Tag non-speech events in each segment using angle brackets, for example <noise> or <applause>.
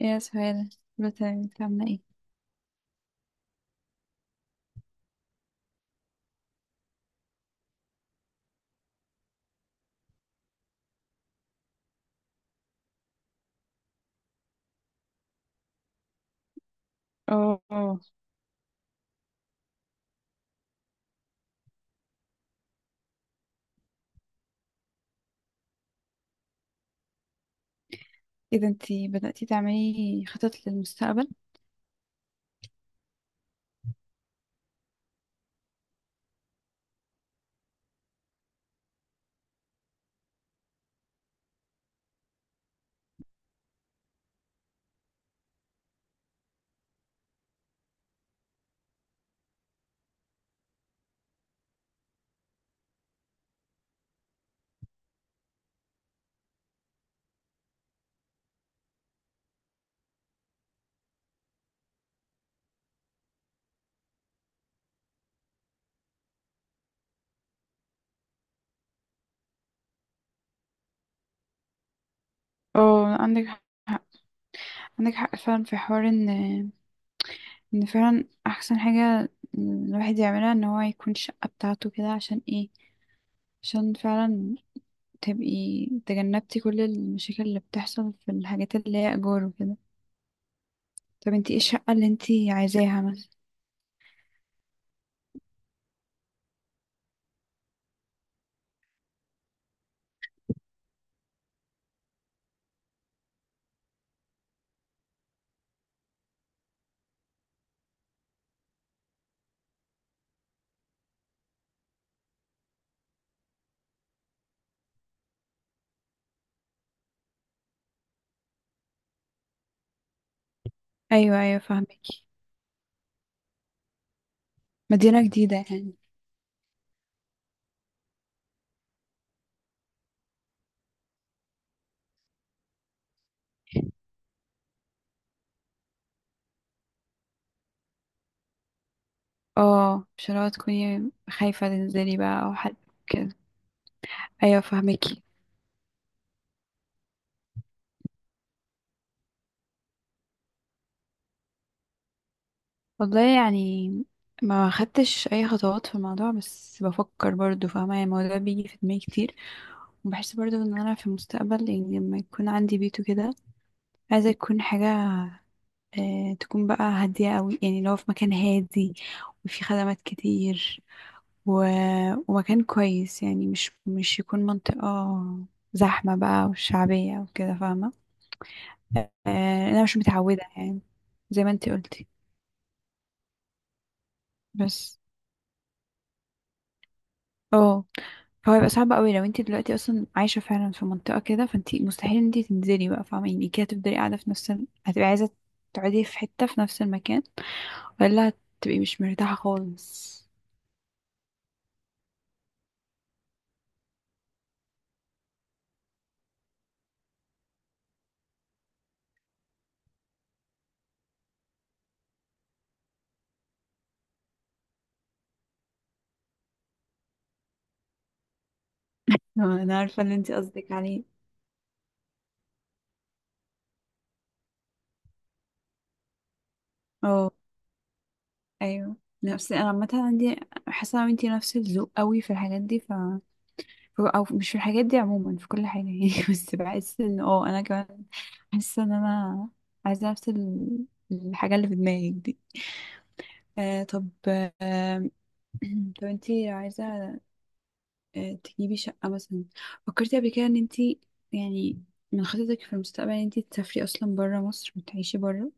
ايه يا سهيل؟ دلوقتي انت عاملة ايه؟ اه آه. ايه ده، انتي بدأتي تعملي خطط للمستقبل؟ اه، عندك حق، عندك حق فعلا في حوار ان فعلا احسن حاجة الواحد يعملها ان هو يكون شقة بتاعته كده، عشان ايه؟ عشان فعلا تبقي تجنبتي كل المشاكل اللي بتحصل في الحاجات اللي هي اجار وكده. طب انتي ايه الشقة اللي انتي عايزاها مثلا؟ ايوه ايوه، فاهمك. مدينة جديدة يعني. اه، مش اللي هو تكوني خايفة تنزلي بقى او حد كده. ايوه فهمكي. والله يعني ما خدتش اي خطوات في الموضوع، بس بفكر برضو فاهمه، يعني الموضوع بيجي في دماغي كتير. وبحس برضو ان انا في المستقبل يعني لما يكون عندي بيت وكده، عايزه يكون حاجه تكون بقى هاديه قوي، يعني لو في مكان هادي وفي خدمات كتير و... ومكان كويس، يعني مش يكون منطقه زحمه بقى وشعبيه وكده فاهمه. انا مش متعوده يعني، زي ما انتي قلتي. بس اه فهو يبقى صعب قوي لو انت دلوقتي اصلا عايشه فعلا في منطقه كده، فانت مستحيل ان انت تنزلي بقى فاهمه، يعني كده هتفضلي قاعده في هتبقي عايزه تقعدي في حته في نفس المكان، ولا هتبقي مش مرتاحه خالص. اه، انا عارفه اللي انت قصدك عليه. اه، ايوه. نفس انا عامه عندي، حاسه ان انت نفس الذوق قوي في الحاجات دي او مش في الحاجات دي عموما، في كل حاجه يعني <laughs> بس بحس ان انا كمان حاسه ان انا عايزه الحاجه اللي في دماغك دي. طب <clears throat> طب انتي لو عايزة تجيبي شقة مثلا، فكرتي قبل كده ان انتي، يعني من خططك في المستقبل، ان انتي تسافري اصلا برا مصر وتعيشي برا؟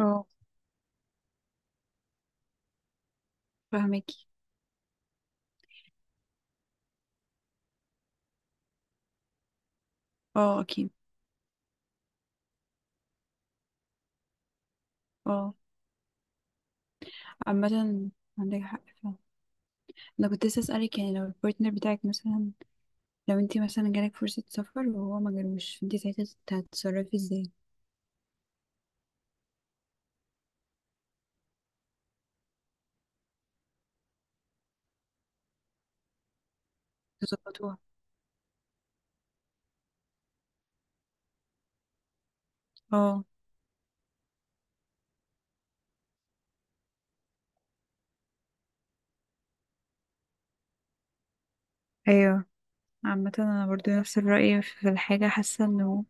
اه فاهماكي. اه اكيد. اه، عامة عندك حق فعلا. انا كنت لسه اسألك، يعني لو البارتنر بتاعك مثلا، لو انتي مثلا جالك فرصة سفر وهو ما جالوش، انتي ساعتها هتتصرفي ازاي؟ تظبطوها. اه، ايوه. عامة انا برضو نفس الرأي في الحاجة، حاسة انه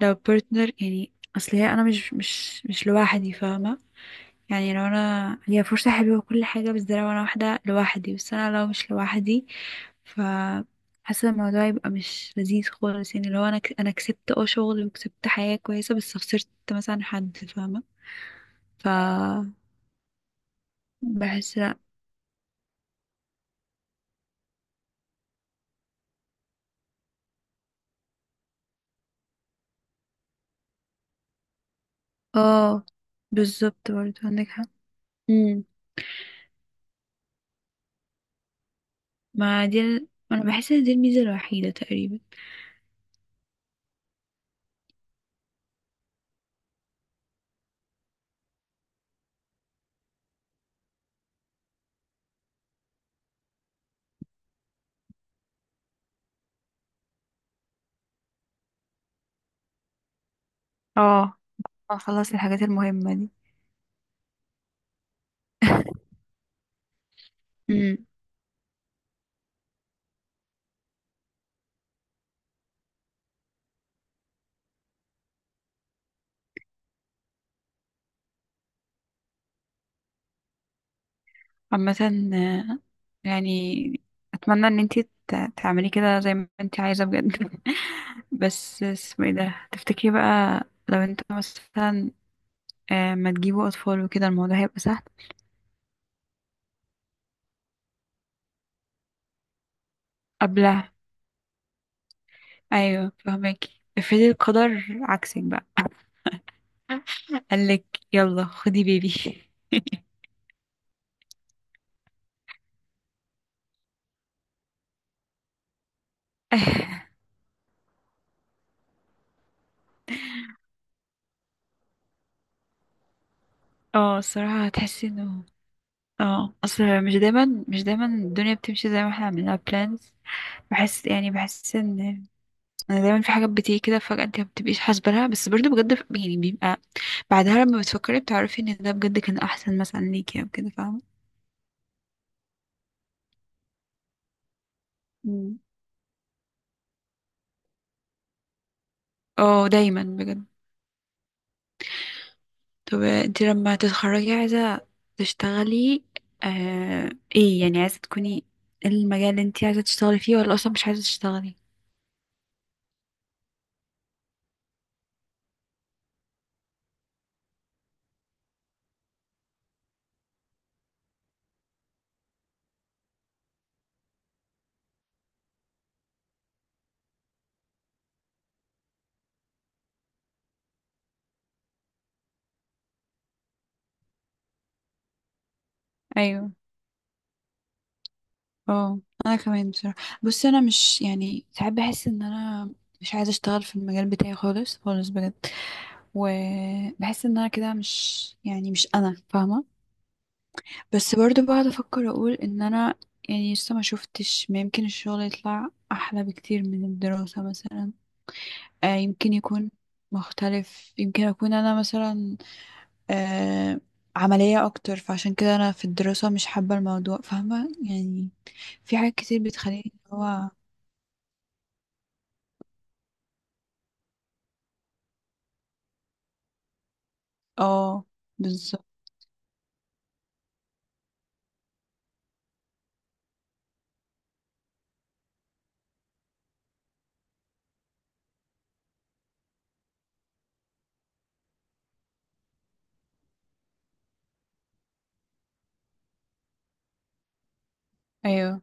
لو بارتنر يعني، اصل هي انا مش لوحدي فاهمه، يعني لو انا هي فرصه حلوه وكل حاجه، بس ده لو انا واحده لوحدي، بس انا لو مش لوحدي ف حاسه الموضوع يبقى مش لذيذ خالص. يعني لو انا انا كسبت اه شغل وكسبت حياه كويسه، بس خسرت مثلا حد فاهمه ف بحس لا. اه بالظبط برضه، عندك حق. امم، ما دي ال- انا بحس ان دي الميزه الوحيده تقريبا. اه، خلاص الحاجات المهمة دي. امم. عامة آه، يعني اتمنى ان انتي تعملي كده زي ما انتي عايزة بجد <laughs> بس اسمه ايه ده تفتكري بقى؟ لو انتوا مثلا ما تجيبوا اطفال وكده الموضوع هيبقى سهل. قبلها؟ ايوه فهماكي، افرضي القدر عكسك بقى <laughs> قالك يلا خدي بيبي <laughs> اه الصراحة هتحسي انه اه اصل مش دايما، مش دايما الدنيا بتمشي زي ما احنا عملنا بلانز. بحس ان انا دايما في حاجات بتيجي كده فجأة انت ما بتبقيش حاسبة لها، بس برضه بجد يعني بيبقى بعدها لما بتفكري بتعرفي ان ده بجد كان احسن مثلا ليكي او كده فاهمة. مم. اه دايما بجد. طب انت لما تتخرجي عايزة تشتغلي، آه ايه يعني عايزة تكوني، إيه المجال اللي انت عايزة تشتغلي فيه؟ ولا اصلا مش عايزة تشتغلي؟ ايوه. اه انا كمان بصراحة. بصي انا مش يعني ساعات بحس ان انا مش عايزة اشتغل في المجال بتاعي خالص خالص بجد. وبحس ان انا كده مش يعني مش انا فاهمه. بس برضو بقعد افكر اقول ان انا يعني لسه ما شفتش، ما يمكن الشغل يطلع احلى بكتير من الدراسه مثلا، آه يمكن يكون مختلف، يمكن اكون انا مثلا آه عمليه اكتر، فعشان كده انا في الدراسه مش حابه الموضوع فاهمه. يعني في حاجات كتير بتخليني اللي هو اه بالظبط. ايوه،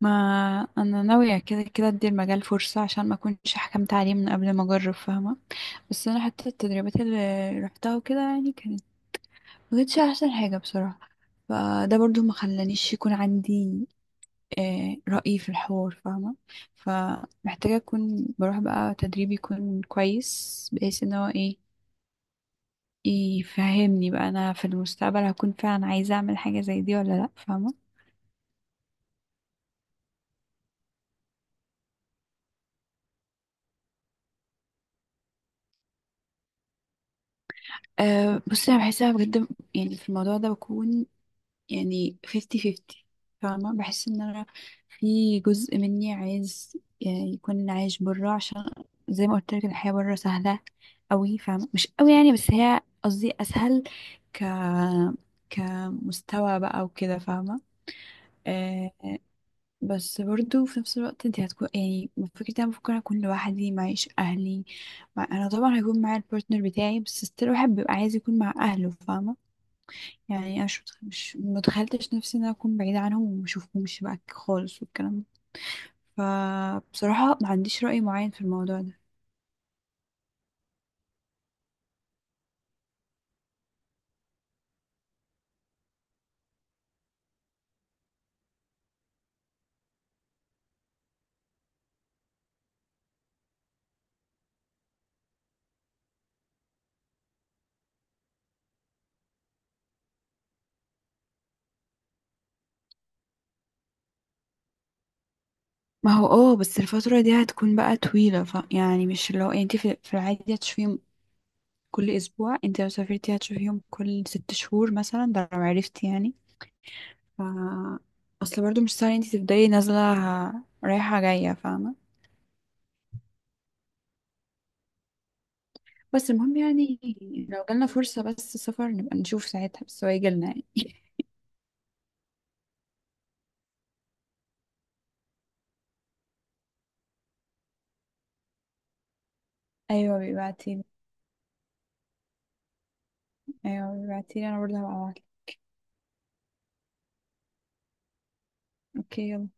ما انا ناويه كده كده ادي المجال فرصه عشان ما اكونش حكمت عليه من قبل ما اجرب فاهمه. بس انا حتى التدريبات اللي رحتها وكده يعني كانت، ما كانتش احسن حاجه بصراحه. فده برضو ما خلانيش يكون عندي رأي في الحوار فاهمه. فمحتاجه اكون بروح بقى تدريب يكون كويس بحيث ان هو ايه، يفهمني بقى انا في المستقبل هكون فعلا عايزه اعمل حاجه زي دي ولا لا فاهمه. أه بصي انا بحسها بجد، يعني في الموضوع ده بكون يعني 50-50 فاهمة. بحس ان انا في جزء مني عايز يعني يكون عايش برا، عشان زي ما قلت لك الحياة برا سهلة قوي فاهمة، مش قوي يعني بس هي قصدي اسهل، ك كمستوى بقى وكده فاهمة. آه بس برضو في نفس الوقت انت هتكون يعني فكرة انا ممكن اكون لوحدي معيش اهلي، انا طبعا هيكون معايا البارتنر بتاعي، بس ستيل الواحد بيبقى عايز يكون مع اهله فاهمة. يعني انا مش متخيلتش نفسي ان انا اكون بعيدة عنهم وما اشوفهمش بقى خالص والكلام ده. فبصراحة ما عنديش رأي معين في الموضوع ده. ما هو اه بس الفترة دي هتكون بقى طويلة ف يعني مش اللي هو، يعني انت في العادي هتشوفيهم كل اسبوع، انت لو سافرتي هتشوفيهم كل 6 شهور مثلا، ده لو عرفتي يعني ف اصل برضو مش سهل انت تفضلي نازلة رايحة جاية فاهمة. بس المهم يعني لو جالنا فرصة بس سفر نبقى نشوف ساعتها، بس هو يجيلنا يعني <laughs> ايوه بيبعتي. ايوه بعتيلي، انا برضه هبقى ابعتلك. اوكي يلا.